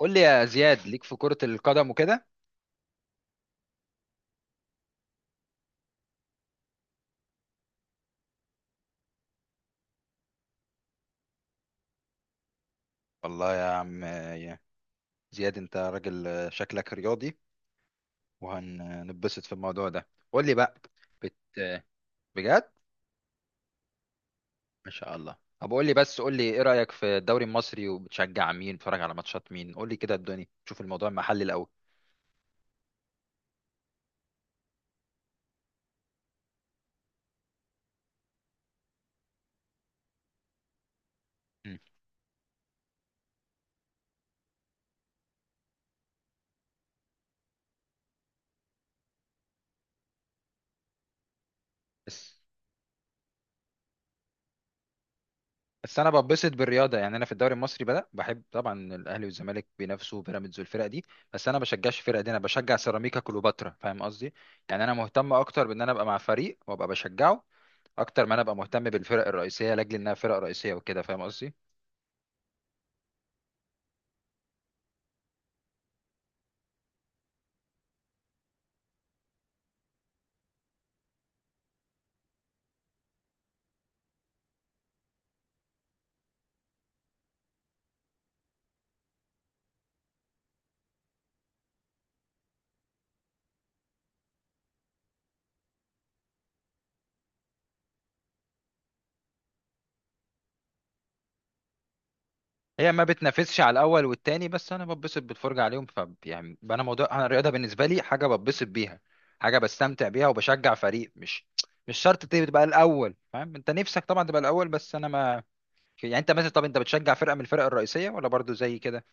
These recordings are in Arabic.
قول لي يا زياد ليك في كرة القدم وكده. والله يا عم يا زياد انت راجل آه، شكلك رياضي. وهننبسط في الموضوع ده. قول لي بقى. بت... بجد ما شاء الله. طب قول لي ايه رأيك في الدوري المصري؟ وبتشجع مين؟ بتتفرج على ماتشات مين؟ قول لي كده الدنيا، شوف الموضوع المحلي الاول. مم. بس بس انا ببسط بالرياضه. يعني انا في الدوري المصري بدا بحب طبعا الاهلي والزمالك، بينافسوا بيراميدز والفرق دي. بس انا بشجعش الفرق دي، انا بشجع سيراميكا كليوباترا، فاهم قصدي؟ يعني انا مهتم اكتر بان انا ابقى مع فريق وابقى بشجعه، اكتر ما انا ابقى مهتم بالفرق الرئيسيه لاجل انها فرق رئيسيه وكده، فاهم قصدي؟ هي ما بتنافسش على الاول والتاني، بس انا ببسط بالفرجه عليهم. ف يعني انا موضوع، انا الرياضه بالنسبه لي حاجه ببسط بيها، حاجه بستمتع بيها، وبشجع فريق. مش شرط تبقى الاول، فاهم؟ انت نفسك طبعا تبقى الاول، بس انا ما في. يعني انت مثلا، طب انت بتشجع فرقه من الفرق الرئيسيه ولا برضو زي كده؟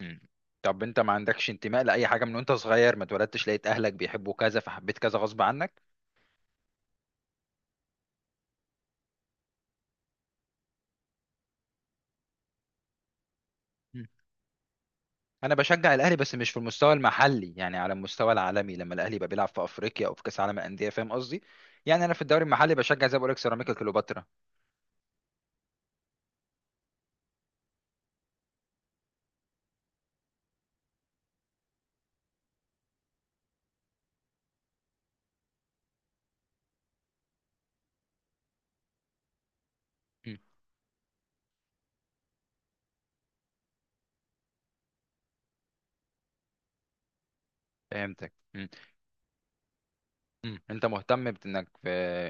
مم. طب انت ما عندكش انتماء لاي حاجه، من وانت صغير ما اتولدتش لقيت اهلك بيحبوا كذا فحبيت كذا غصب عنك؟ مم. انا بشجع الاهلي بس مش في المستوى المحلي، يعني على المستوى العالمي، لما الاهلي يبقى بيلعب في افريقيا او في كاس عالم الانديه، فاهم قصدي؟ يعني انا في الدوري المحلي بشجع زي ما بقول لك سيراميكا كليوباترا. مم. فهمتك. مم. انت مهتم بانك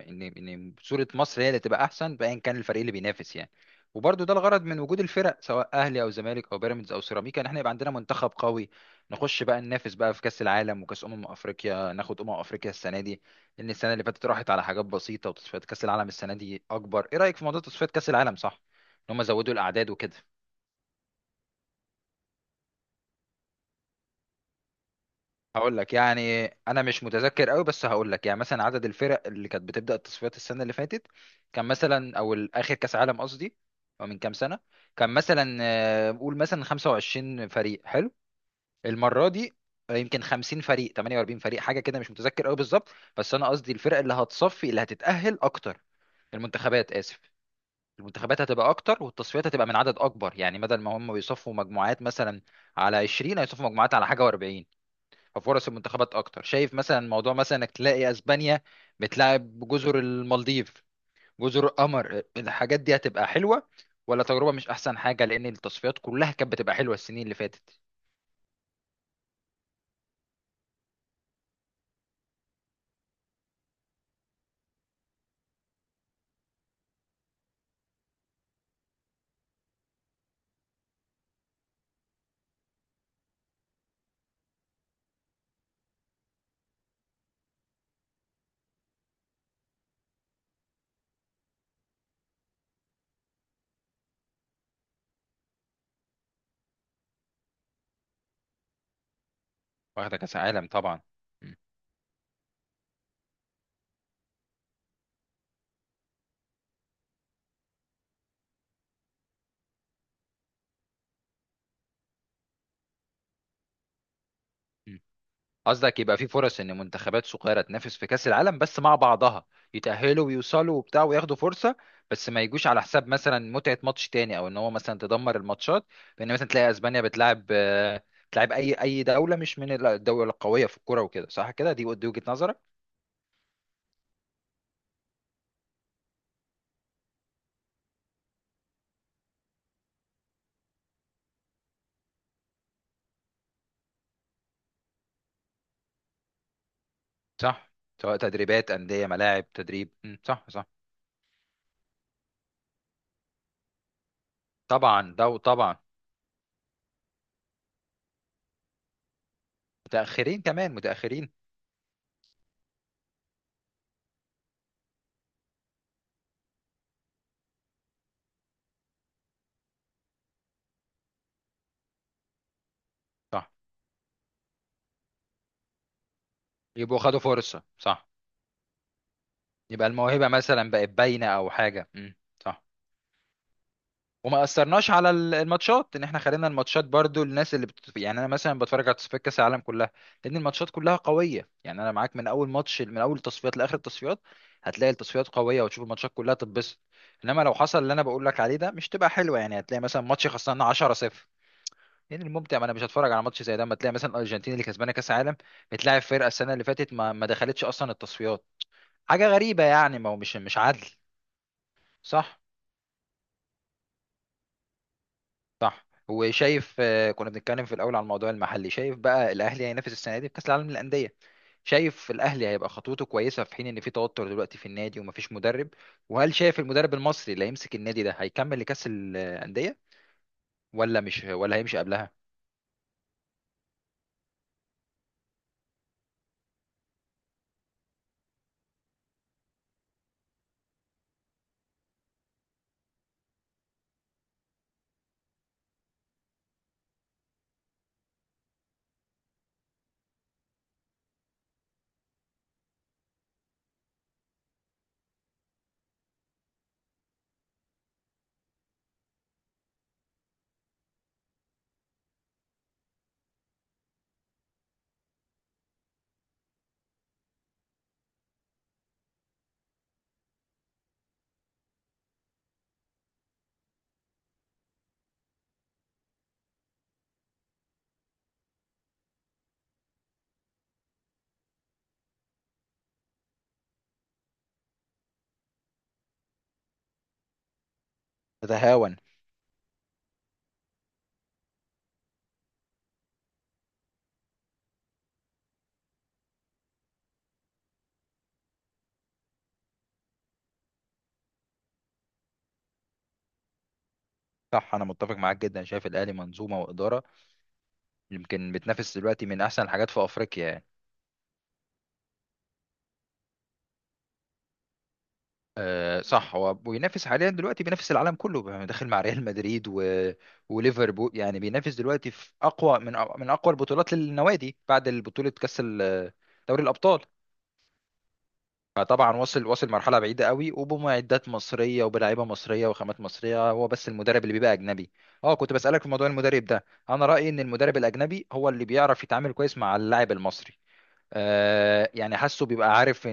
ان صوره مصر هي اللي تبقى احسن، بايا كان الفريق اللي بينافس يعني. وبرضه ده الغرض من وجود الفرق، سواء اهلي او زمالك او بيراميدز او سيراميكا، ان احنا يبقى عندنا منتخب قوي. نخش بقى ننافس بقى في كاس العالم وكاس افريقيا، ناخد افريقيا السنه دي. لان السنه اللي فاتت راحت على حاجات بسيطه. وتصفيات كاس العالم السنه دي اكبر. ايه رايك في موضوع تصفيات كاس العالم؟ صح ان هم زودوا الاعداد وكده؟ هقول لك، يعني انا مش متذكر قوي، بس هقول لك. يعني مثلا عدد الفرق اللي كانت بتبدا التصفيات السنه اللي فاتت كان مثلا، او اخر كاس عالم قصدي، او من كام سنه، كان مثلا آه، قول مثلا 25 فريق، حلو. المره دي آه، يمكن 50 فريق، 48 فريق، حاجه كده مش متذكر قوي بالظبط. بس انا قصدي الفرق اللي هتصفي، اللي هتتاهل اكتر، المنتخبات، اسف، المنتخبات هتبقى اكتر، والتصفيات هتبقى من عدد اكبر. يعني بدل ما هم بيصفوا مجموعات مثلا على 20، هيصفوا مجموعات على حاجه و40. فرص المنتخبات اكتر. شايف مثلا موضوع مثلا انك تلاقي اسبانيا بتلعب جزر المالديف، جزر القمر، الحاجات دي هتبقى حلوه ولا تجربه مش احسن حاجه؟ لان التصفيات كلها كانت بتبقى حلوه السنين اللي فاتت. واخده كاس عالم طبعا. م. قصدك يبقى في فرص ان منتخبات صغيره تنافس في كاس العالم بس مع بعضها، يتاهلوا ويوصلوا وبتاع وياخدوا فرصه، بس ما يجوش على حساب مثلا متعه ماتش تاني، او ان هو مثلا تدمر الماتشات، بان مثلا تلاقي اسبانيا بتلعب آه، بتلعب اي دوله مش من الدول القويه في الكوره وكده. صح كده؟ دي وجهه نظرك. صح. سواء تدريبات، انديه، ملاعب تدريب. مم، صح صح. طبعا ده طبعا. متاخرين، كمان متاخرين. صح. يبقوا خدوا فرصه، صح. يبقى الموهبه مثلا بقت باينه او حاجه. مم، صح. وما اثرناش على الماتشات، ان احنا خلينا الماتشات برضو الناس اللي يعني انا مثلا بتفرج على تصفيات كاس العالم كلها، لان الماتشات كلها قويه. يعني انا معاك من اول ماتش، من اول التصفيات لاخر التصفيات، هتلاقي التصفيات قويه، وتشوف الماتشات كلها تتبسط. انما لو حصل اللي انا بقول لك عليه ده، مش تبقى حلوه. يعني هتلاقي مثلا ماتش خسرنا 10-0، لان الممتع، ما انا مش هتفرج على ماتش زي ده. اما تلاقي مثلا الارجنتين اللي كسبانه كاس العالم بتلاعب فرقه السنه اللي فاتت ما دخلتش اصلا التصفيات، حاجه غريبه يعني. ما هو مش عدل. صح. صح. وشايف آه، كنا بنتكلم في الاول على الموضوع المحلي، شايف بقى الاهلي هينافس السنه دي في كاس العالم للانديه، شايف الاهلي هيبقى خطوته كويسه، في حين ان في توتر دلوقتي في النادي ومفيش مدرب؟ وهل شايف المدرب المصري اللي هيمسك النادي ده هيكمل لكاس الانديه ولا مش، ولا هيمشي قبلها؟ تتهاون. صح، انا متفق معاك جدا. شايف الاهلي منظومه واداره يمكن بتنافس دلوقتي من احسن الحاجات في افريقيا. آه صح. هو بينافس حاليا دلوقتي، بينافس العالم كله، يعني داخل مع ريال مدريد وليفربول. يعني بينافس دلوقتي في اقوى، من اقوى البطولات للنوادي، بعد البطولة كأس دوري الأبطال. فطبعا وصل، وصل مرحلة بعيدة قوي، وبمعدات مصرية وبلاعيبة مصرية وخامات مصرية. هو بس المدرب اللي بيبقى أجنبي. اه، كنت بسألك في موضوع المدرب ده. أنا رأيي إن المدرب الأجنبي هو اللي بيعرف يتعامل كويس مع اللاعب المصري. آه يعني حاسه، بيبقى عارف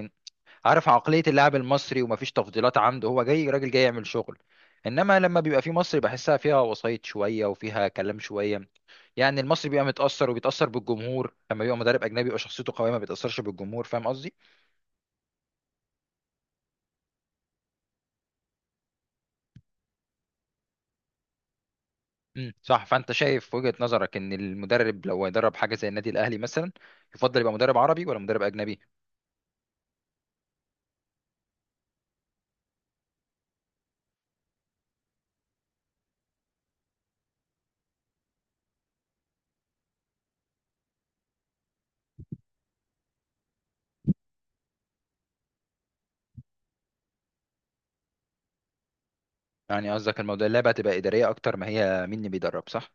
عارف عقلية اللاعب المصري، ومفيش تفضيلات عنده، هو جاي راجل جاي يعمل شغل. انما لما بيبقى في مصري بحسها، فيها وسايط شوية وفيها كلام شوية. يعني المصري بيبقى متأثر، وبيتأثر بالجمهور. لما بيبقى مدرب اجنبي بيبقى شخصيته قوية، ما بيتأثرش بالجمهور، فاهم قصدي؟ صح. فانت شايف وجهة نظرك ان المدرب لو هيدرب حاجة زي النادي الاهلي مثلا، يفضل يبقى مدرب عربي ولا مدرب اجنبي؟ يعني قصدك الموضوع اللعبة هتبقى إدارية اكتر ما هي مين اللي بيدرب، صح؟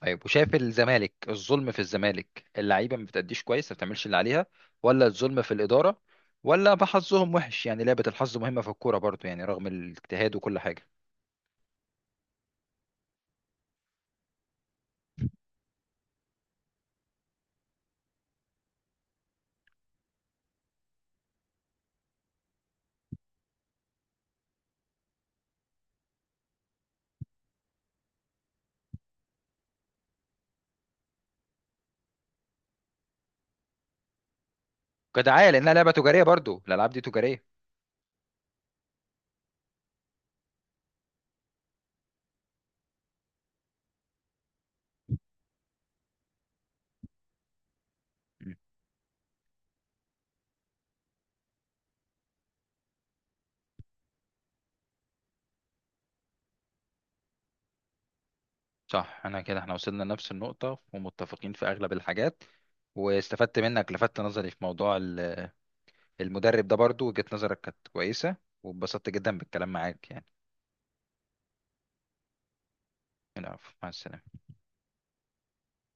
طيب وشايف الزمالك، الظلم في الزمالك اللعيبه ما بتأديش كويس، ما بتعملش اللي عليها، ولا الظلم في الاداره، ولا بحظهم وحش؟ يعني لعبه الحظ مهمه في الكوره برضو، يعني رغم الاجتهاد وكل حاجه. كدعايه، لانها لعبه تجاريه برضو، الالعاب دي تجاريه. م. صح. انا كده احنا وصلنا لنفس النقطه، ومتفقين في اغلب الحاجات. واستفدت منك، لفت نظري في موضوع المدرب ده. برضو وجهة نظرك كانت كويسه. واتبسطت جدا بالكلام معاك يعني. العفو، مع السلامه.